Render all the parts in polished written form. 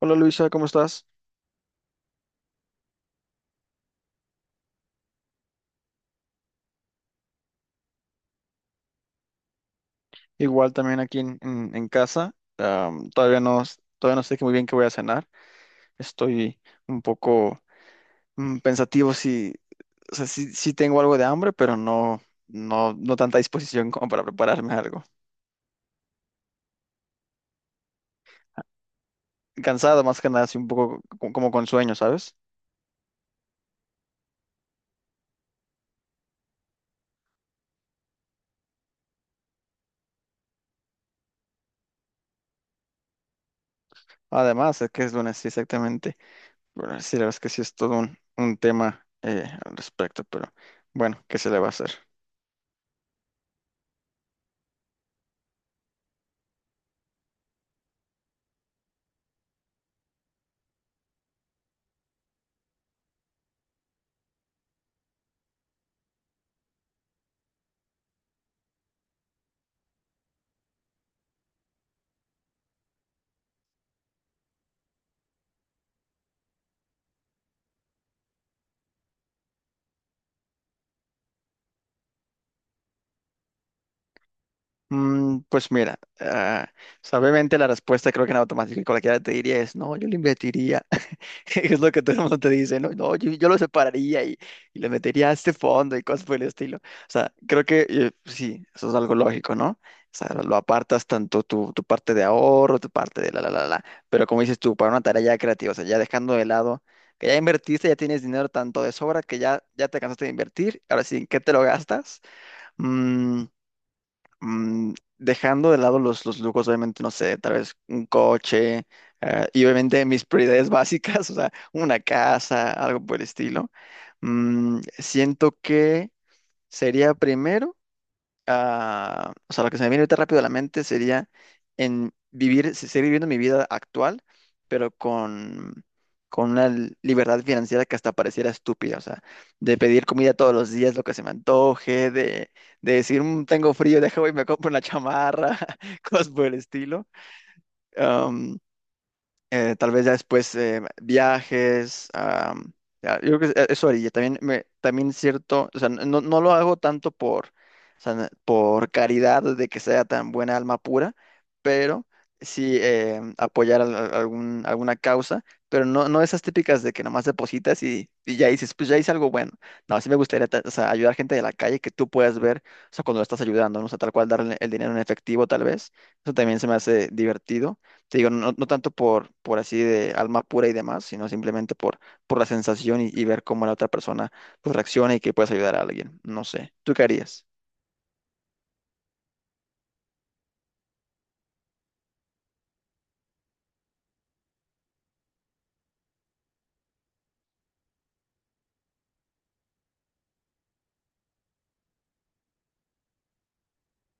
Hola Luisa, ¿cómo estás? Igual también aquí en, en casa. Todavía no, todavía no sé muy bien qué voy a cenar. Estoy un poco pensativo si, o sea, sí, sí tengo algo de hambre, pero no, no, no tanta disposición como para prepararme algo. Cansado más que nada, así un poco como con sueño, ¿sabes? Además, es que es lunes, sí, exactamente. Bueno, sí, la verdad es que sí es todo un tema al respecto, pero bueno, ¿qué se le va a hacer? Pues mira, o sea, obviamente la respuesta creo que en automático cualquiera te diría es, no, yo lo invertiría. Es lo que todo el mundo te dice, no, no, yo lo separaría y le metería a este fondo y cosas por el estilo. O sea, creo que sí, eso es algo lógico, ¿no? O sea, lo apartas tanto tu, tu parte de ahorro, tu parte de la. Pero como dices tú, para una tarea ya creativa, o sea, ya dejando de lado que ya invertiste, ya tienes dinero tanto de sobra que ya, ya te cansaste de invertir. Ahora sí, ¿en qué te lo gastas? Mm, dejando de lado los lujos, obviamente, no sé, tal vez un coche, y obviamente mis prioridades básicas, o sea, una casa, algo por el estilo, siento que sería primero o sea, lo que se me viene ahorita rápido a la mente sería en vivir, seguir viviendo mi vida actual, pero con una libertad financiera que hasta pareciera estúpida, o sea, de pedir comida todos los días, lo que se me antoje, de decir, "Mm, tengo frío, deja, voy y me compro una chamarra," cosas por el estilo, tal vez ya después viajes, ya, yo creo que eso haría. También, me, también cierto, o sea, no, no lo hago tanto por, o sea, por caridad de que sea tan buena alma pura, pero sí apoyar algún, alguna causa, pero no, no esas típicas de que nomás depositas y ya dices, pues ya hice algo bueno. No, sí me gustaría o sea, ayudar gente de la calle que tú puedas ver, o sea, cuando lo estás ayudando, ¿no? O sea, tal cual darle el dinero en efectivo, tal vez. Eso también se me hace divertido. Te digo, no, no tanto por así de alma pura y demás, sino simplemente por la sensación y ver cómo la otra persona pues, reacciona y que puedes ayudar a alguien. No sé. ¿Tú qué harías?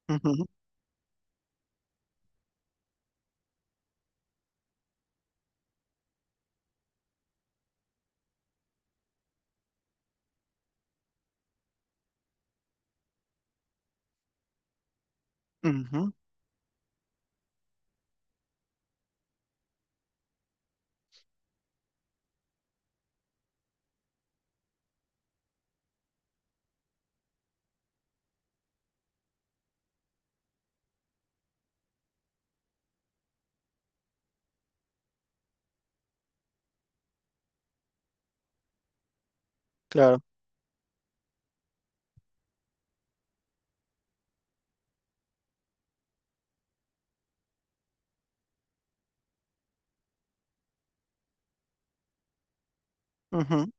Ujú, ujú, claro, ujú,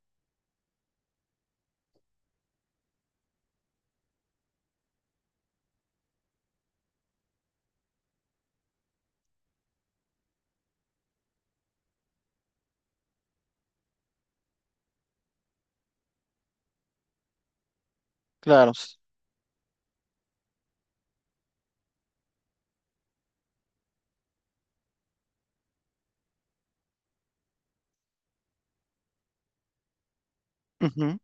claro. S- ujú.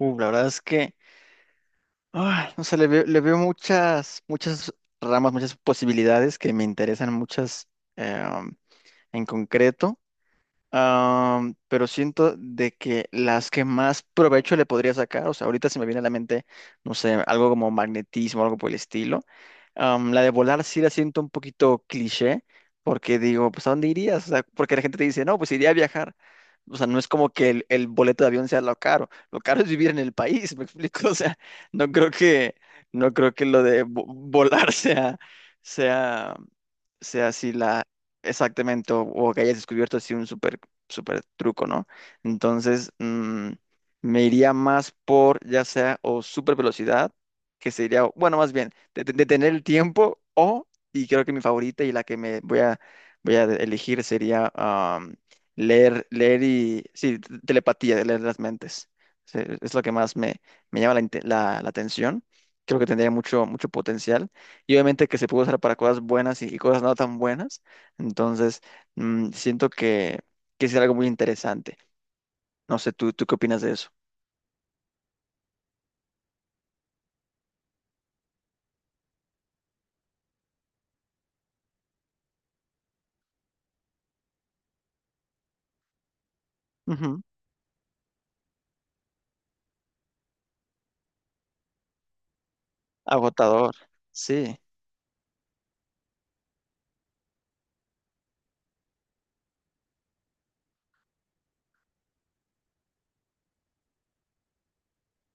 La verdad es que, ay, no sé, le veo muchas, muchas ramas, muchas posibilidades que me interesan, muchas eh, en concreto. Pero siento de que las que más provecho le podría sacar, o sea, ahorita se me viene a la mente, no sé, algo como magnetismo, algo por el estilo. La de volar sí la siento un poquito cliché, porque digo, pues ¿a dónde irías? O sea, porque la gente te dice, no, pues iría a viajar. O sea, no es como que el boleto de avión sea lo caro. Lo caro es vivir en el país, ¿me explico? O sea, no creo que, no creo que lo de volar sea, sea, sea así la, exactamente, o que hayas descubierto así un súper truco, ¿no? Entonces, me iría más por ya sea o súper velocidad, que sería, o- bueno, más bien, detener el tiempo o, y creo que mi favorita y la que me voy a, voy a elegir sería leer, leer y, sí, telepatía, de leer las mentes. Es lo que más me, me llama la, la atención. Creo que tendría mucho, mucho potencial. Y obviamente que se puede usar para cosas buenas y cosas no tan buenas. Entonces, siento que es algo muy interesante. No sé, ¿tú, tú qué opinas de eso? Ujú. Agotador, sí.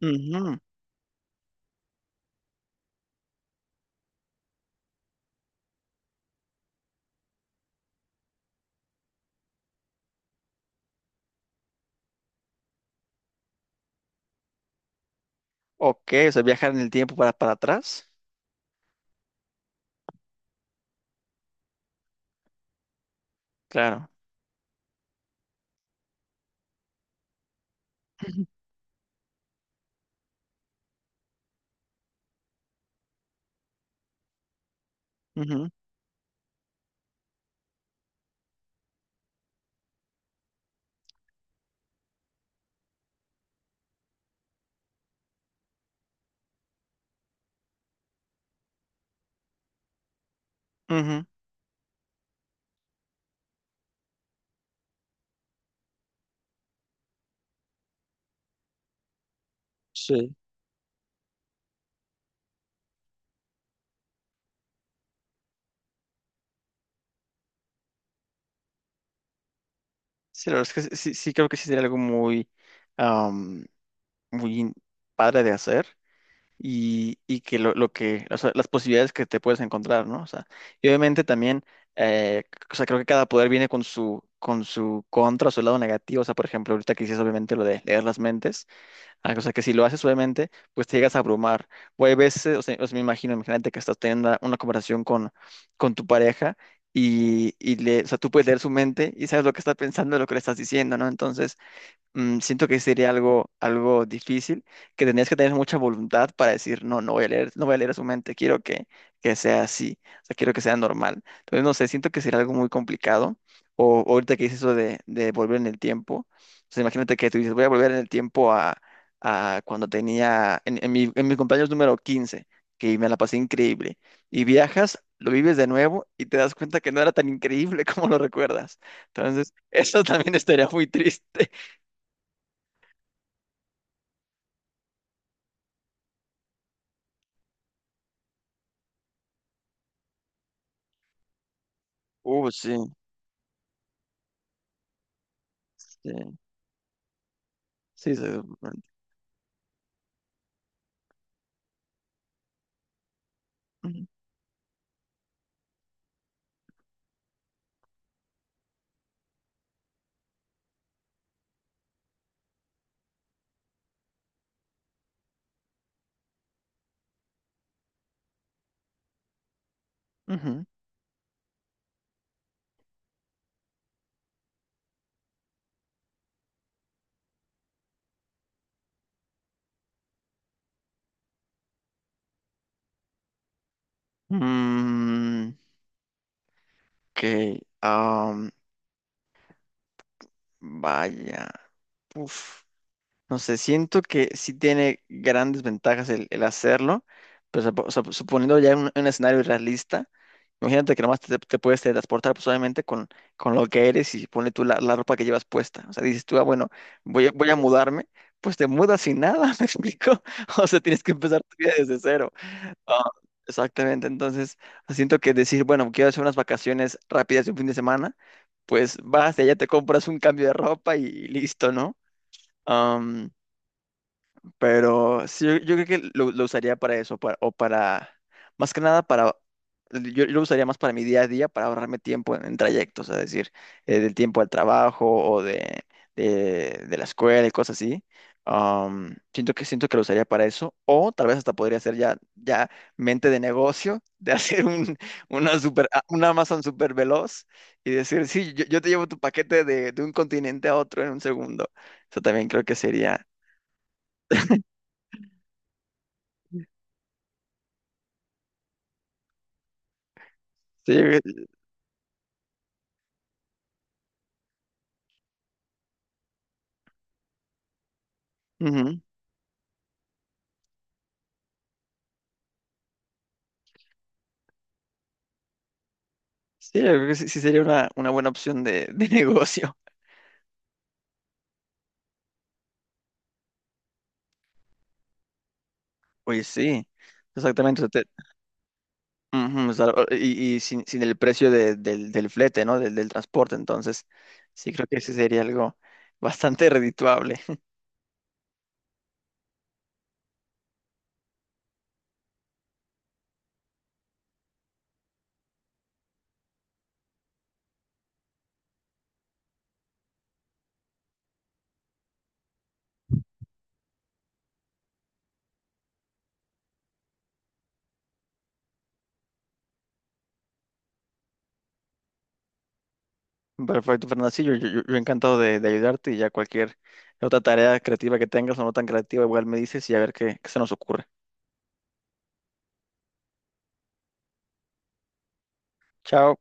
Ujú. Ok, o sea, viajar en el tiempo para atrás. Claro. Ujú, ujú, ujú. Sí. Sí, la verdad es que sí, sí sí creo que sí sería algo muy, am, muy padre de hacer y que lo que, o sea, las posibilidades que te puedes encontrar, ¿no? O sea, y obviamente también, eh, o sea, creo que cada poder viene con su contra, su lado negativo, o sea, por ejemplo, ahorita que dices obviamente lo de leer las mentes, ah, o sea, que si lo haces suavemente, pues te llegas a abrumar. O hay veces, o sea, me imagino, imagínate que estás teniendo una conversación con tu pareja y le, o sea, tú puedes leer su mente y sabes lo que está pensando, lo que le estás diciendo, ¿no? Entonces, siento que sería algo, algo difícil, que tendrías que tener mucha voluntad para decir, no, no voy a leer, no voy a leer a su mente, quiero que sea así, o sea, quiero que sea normal. Entonces, no sé, siento que sería algo muy complicado. O ahorita que dices eso de volver en el tiempo, o sea, imagínate que tú dices, voy a volver en el tiempo a cuando tenía, en mi cumpleaños número 15 que me la pasé increíble, y viajas. Lo vives de nuevo y te das cuenta que no era tan increíble como lo recuerdas. Entonces, eso también estaría muy triste. Sí, sí, sí, seguramente. Ujú, ujú. Mm, ok, vaya. Uf, no sé, siento que sí tiene grandes ventajas el hacerlo, pero suponiendo ya un escenario realista, imagínate que nomás te, te puedes teletransportar pues, obviamente con lo que eres y pone tú la, la ropa que llevas puesta. O sea, dices tú, ah, bueno, voy a, voy a mudarme, pues te mudas sin nada, ¿me explico? O sea, tienes que empezar tu vida desde cero. Ah, exactamente, entonces siento que decir, bueno, quiero hacer unas vacaciones rápidas de un fin de semana, pues vas y allá te compras un cambio de ropa y listo, ¿no? Pero sí, yo creo que lo usaría para eso, para- o para, más que nada para, yo lo usaría más para mi día a día, para ahorrarme tiempo en trayectos, es decir, del tiempo al trabajo o de la escuela y cosas así. Siento que lo usaría para eso, o tal vez hasta podría ser ya, ya mente de negocio, de hacer un, una super, un Amazon super veloz y decir, sí, yo te llevo tu paquete de un continente a otro en un segundo. Eso también creo que sería... Sí, ujú. Sí, yo creo que sí, sí sería una buena opción de negocio. Oye, sí, exactamente. Te- ujú, o sea, o- y sin, sin el precio de- del, del flete, ¿no? Del, del transporte. Entonces, sí creo que ese sería algo bastante redituable. Perfecto, Fernando. Sí, yo, yo encantado de ayudarte y ya cualquier otra tarea creativa que tengas o no tan creativa, igual me dices y a ver qué qué se nos ocurre. Chao.